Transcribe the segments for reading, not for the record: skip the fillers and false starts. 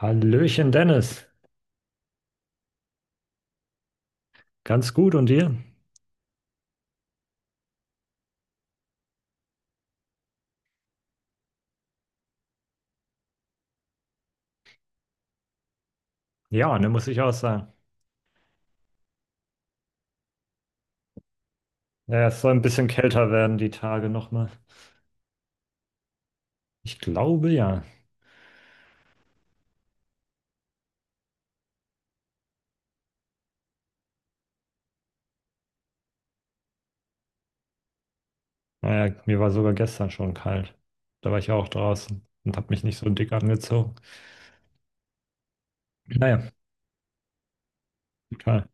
Hallöchen Dennis, ganz gut und dir? Ja, ne, muss ich auch sagen. Ja, es soll ein bisschen kälter werden die Tage nochmal. Ich glaube ja. Naja, mir war sogar gestern schon kalt. Da war ich ja auch draußen und habe mich nicht so dick angezogen. Naja, egal.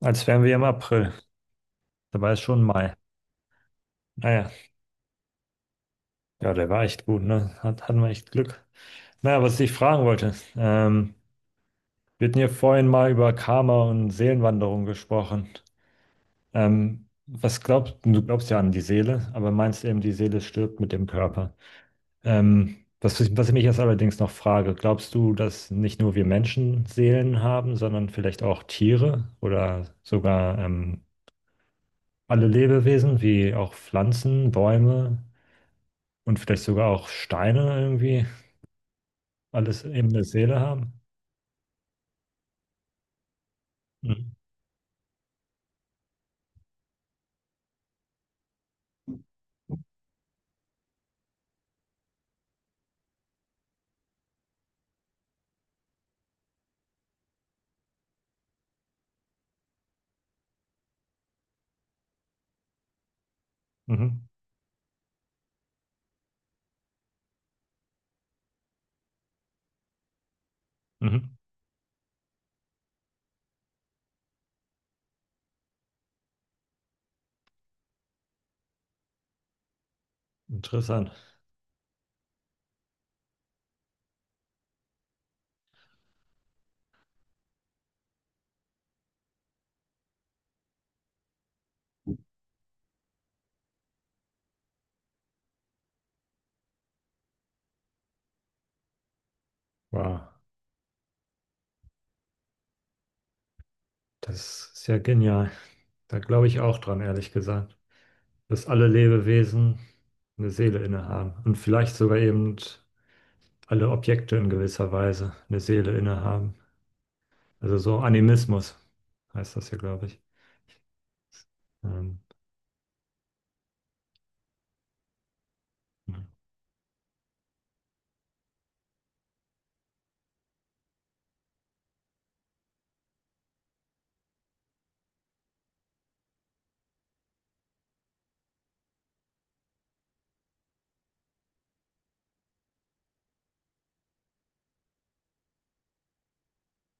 Als wären wir im April. Dabei ist schon Mai. Naja, ja, der war echt gut, ne? Hatten wir echt Glück. Naja, was ich fragen wollte, wir hatten hier vorhin mal über Karma und Seelenwanderung gesprochen. Was glaubst du? Du glaubst ja an die Seele, aber meinst eben, die Seele stirbt mit dem Körper. Was ich mich jetzt allerdings noch frage: Glaubst du, dass nicht nur wir Menschen Seelen haben, sondern vielleicht auch Tiere oder sogar alle Lebewesen, wie auch Pflanzen, Bäume und vielleicht sogar auch Steine irgendwie, alles eben eine Seele haben? Mhm. Mhm. Mhm. Interessant. Wow, das ist ja genial. Da glaube ich auch dran, ehrlich gesagt. Dass alle Lebewesen eine Seele innehaben und vielleicht sogar eben alle Objekte in gewisser Weise eine Seele innehaben. Also so Animismus heißt das hier, glaube ich. Ähm,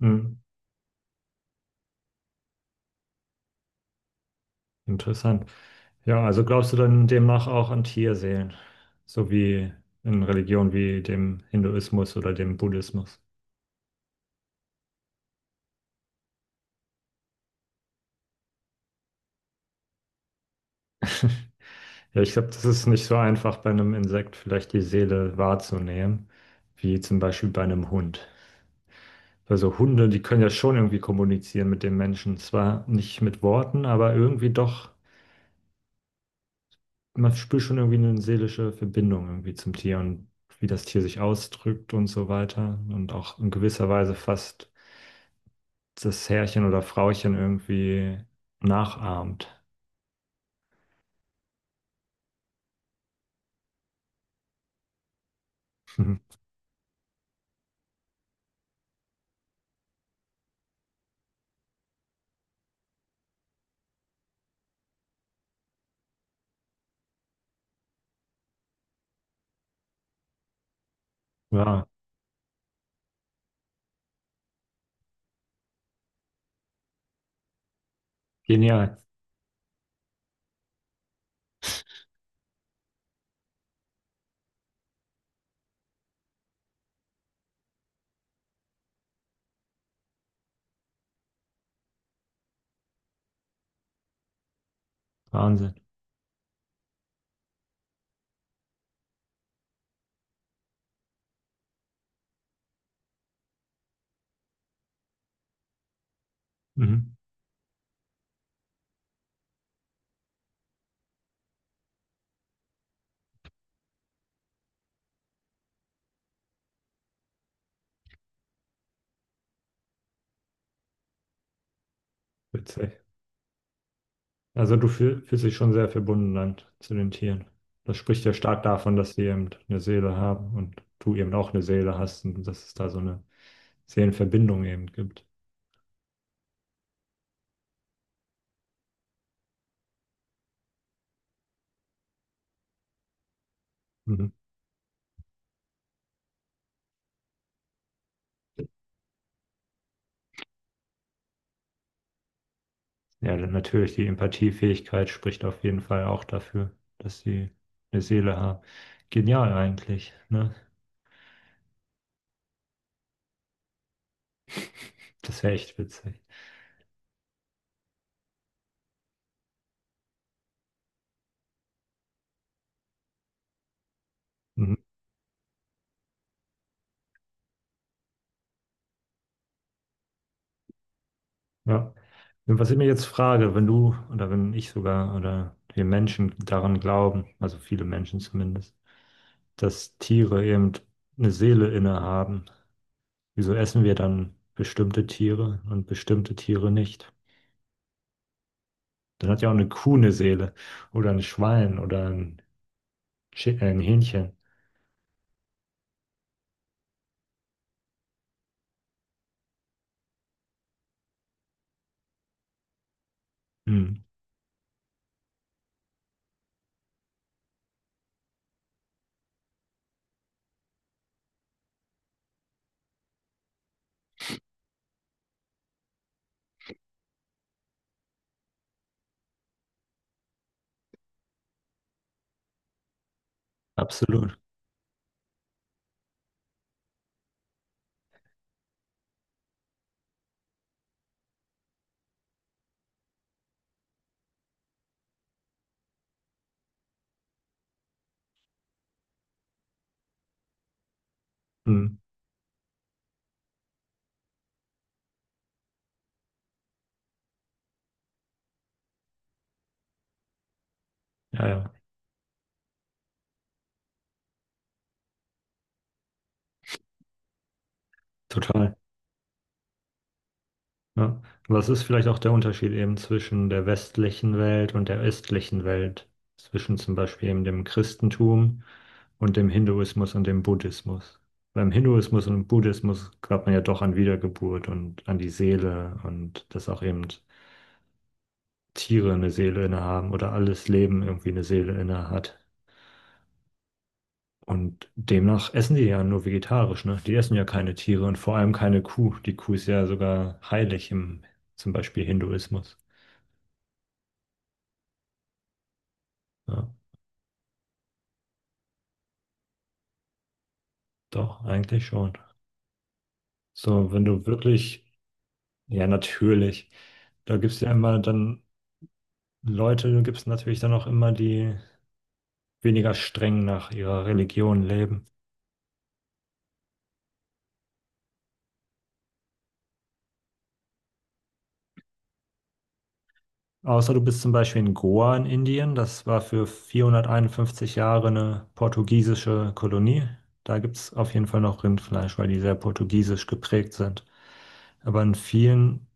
hm, interessant. Ja, also glaubst du dann demnach auch an Tierseelen, so wie in Religionen wie dem Hinduismus oder dem Buddhismus? Ja, ich glaube, das ist nicht so einfach bei einem Insekt vielleicht die Seele wahrzunehmen, wie zum Beispiel bei einem Hund. Also Hunde, die können ja schon irgendwie kommunizieren mit den Menschen. Zwar nicht mit Worten, aber irgendwie doch, man spürt schon irgendwie eine seelische Verbindung irgendwie zum Tier und wie das Tier sich ausdrückt und so weiter. Und auch in gewisser Weise fast das Herrchen oder Frauchen irgendwie nachahmt. Ja, genial. Wahnsinn. Mhm. Witzig. Also fühlst dich schon sehr verbunden dann zu den Tieren. Das spricht ja stark davon, dass sie eben eine Seele haben und du eben auch eine Seele hast und dass es da so eine Seelenverbindung eben gibt. Mhm. Ja, dann natürlich die Empathiefähigkeit spricht auf jeden Fall auch dafür, dass sie eine Seele haben. Genial eigentlich, ne? Das wäre echt witzig. Mhm. Ja. Und was ich mir jetzt frage, wenn du oder wenn ich sogar oder wir Menschen daran glauben, also viele Menschen zumindest, dass Tiere eben eine Seele innehaben. Wieso essen wir dann bestimmte Tiere und bestimmte Tiere nicht? Dann hat ja auch eine Kuh eine Seele oder ein Schwein oder ein, ein Hähnchen. Hm, absolut. Hm, ja, ja, total. Ja. Was ist vielleicht auch der Unterschied eben zwischen der westlichen Welt und der östlichen Welt? Zwischen zum Beispiel eben dem Christentum und dem Hinduismus und dem Buddhismus. Beim Hinduismus und Buddhismus glaubt man ja doch an Wiedergeburt und an die Seele und dass auch eben Tiere eine Seele innehaben oder alles Leben irgendwie eine Seele innehat. Und demnach essen die ja nur vegetarisch, ne? Die essen ja keine Tiere und vor allem keine Kuh. Die Kuh ist ja sogar heilig im zum Beispiel Hinduismus. Ja, doch, eigentlich schon. So, wenn du wirklich, ja, natürlich, da gibt es ja immer dann Leute, da gibt es natürlich dann auch immer die weniger streng nach ihrer Religion leben. Außer du bist zum Beispiel in Goa in Indien, das war für 451 Jahre eine portugiesische Kolonie. Da gibt es auf jeden Fall noch Rindfleisch, weil die sehr portugiesisch geprägt sind. Aber in vielen,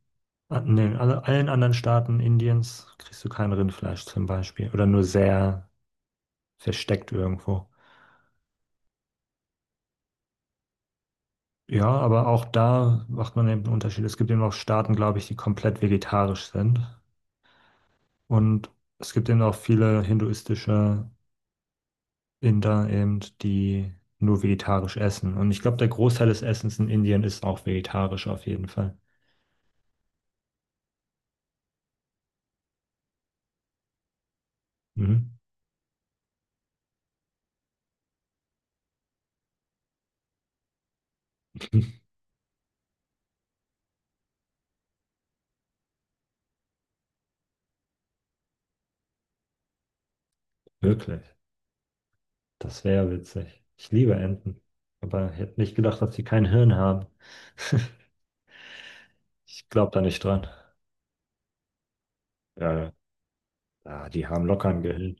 nee, in den, allen anderen Staaten Indiens kriegst du kein Rindfleisch zum Beispiel oder nur sehr versteckt irgendwo. Ja, aber auch da macht man eben einen Unterschied. Es gibt eben auch Staaten, glaube ich, die komplett vegetarisch sind. Und es gibt eben auch viele hinduistische Inder eben, die nur vegetarisch essen. Und ich glaube, der Großteil des Essens in Indien ist auch vegetarisch auf jeden Fall. Mhm. Wirklich. Das wäre witzig. Ich liebe Enten. Aber ich hätte nicht gedacht, dass sie kein Hirn haben. Ich glaube da nicht dran. Ja, ja. Ah, die haben locker ein Gehirn.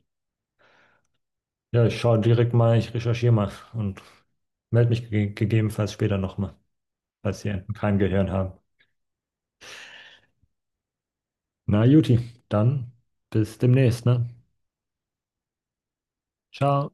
Ja, ich schaue direkt mal, ich recherchiere mal und melde mich ge gegebenenfalls später nochmal, falls die Enten kein Gehirn haben. Na, Juti, dann bis demnächst, ne? Ciao.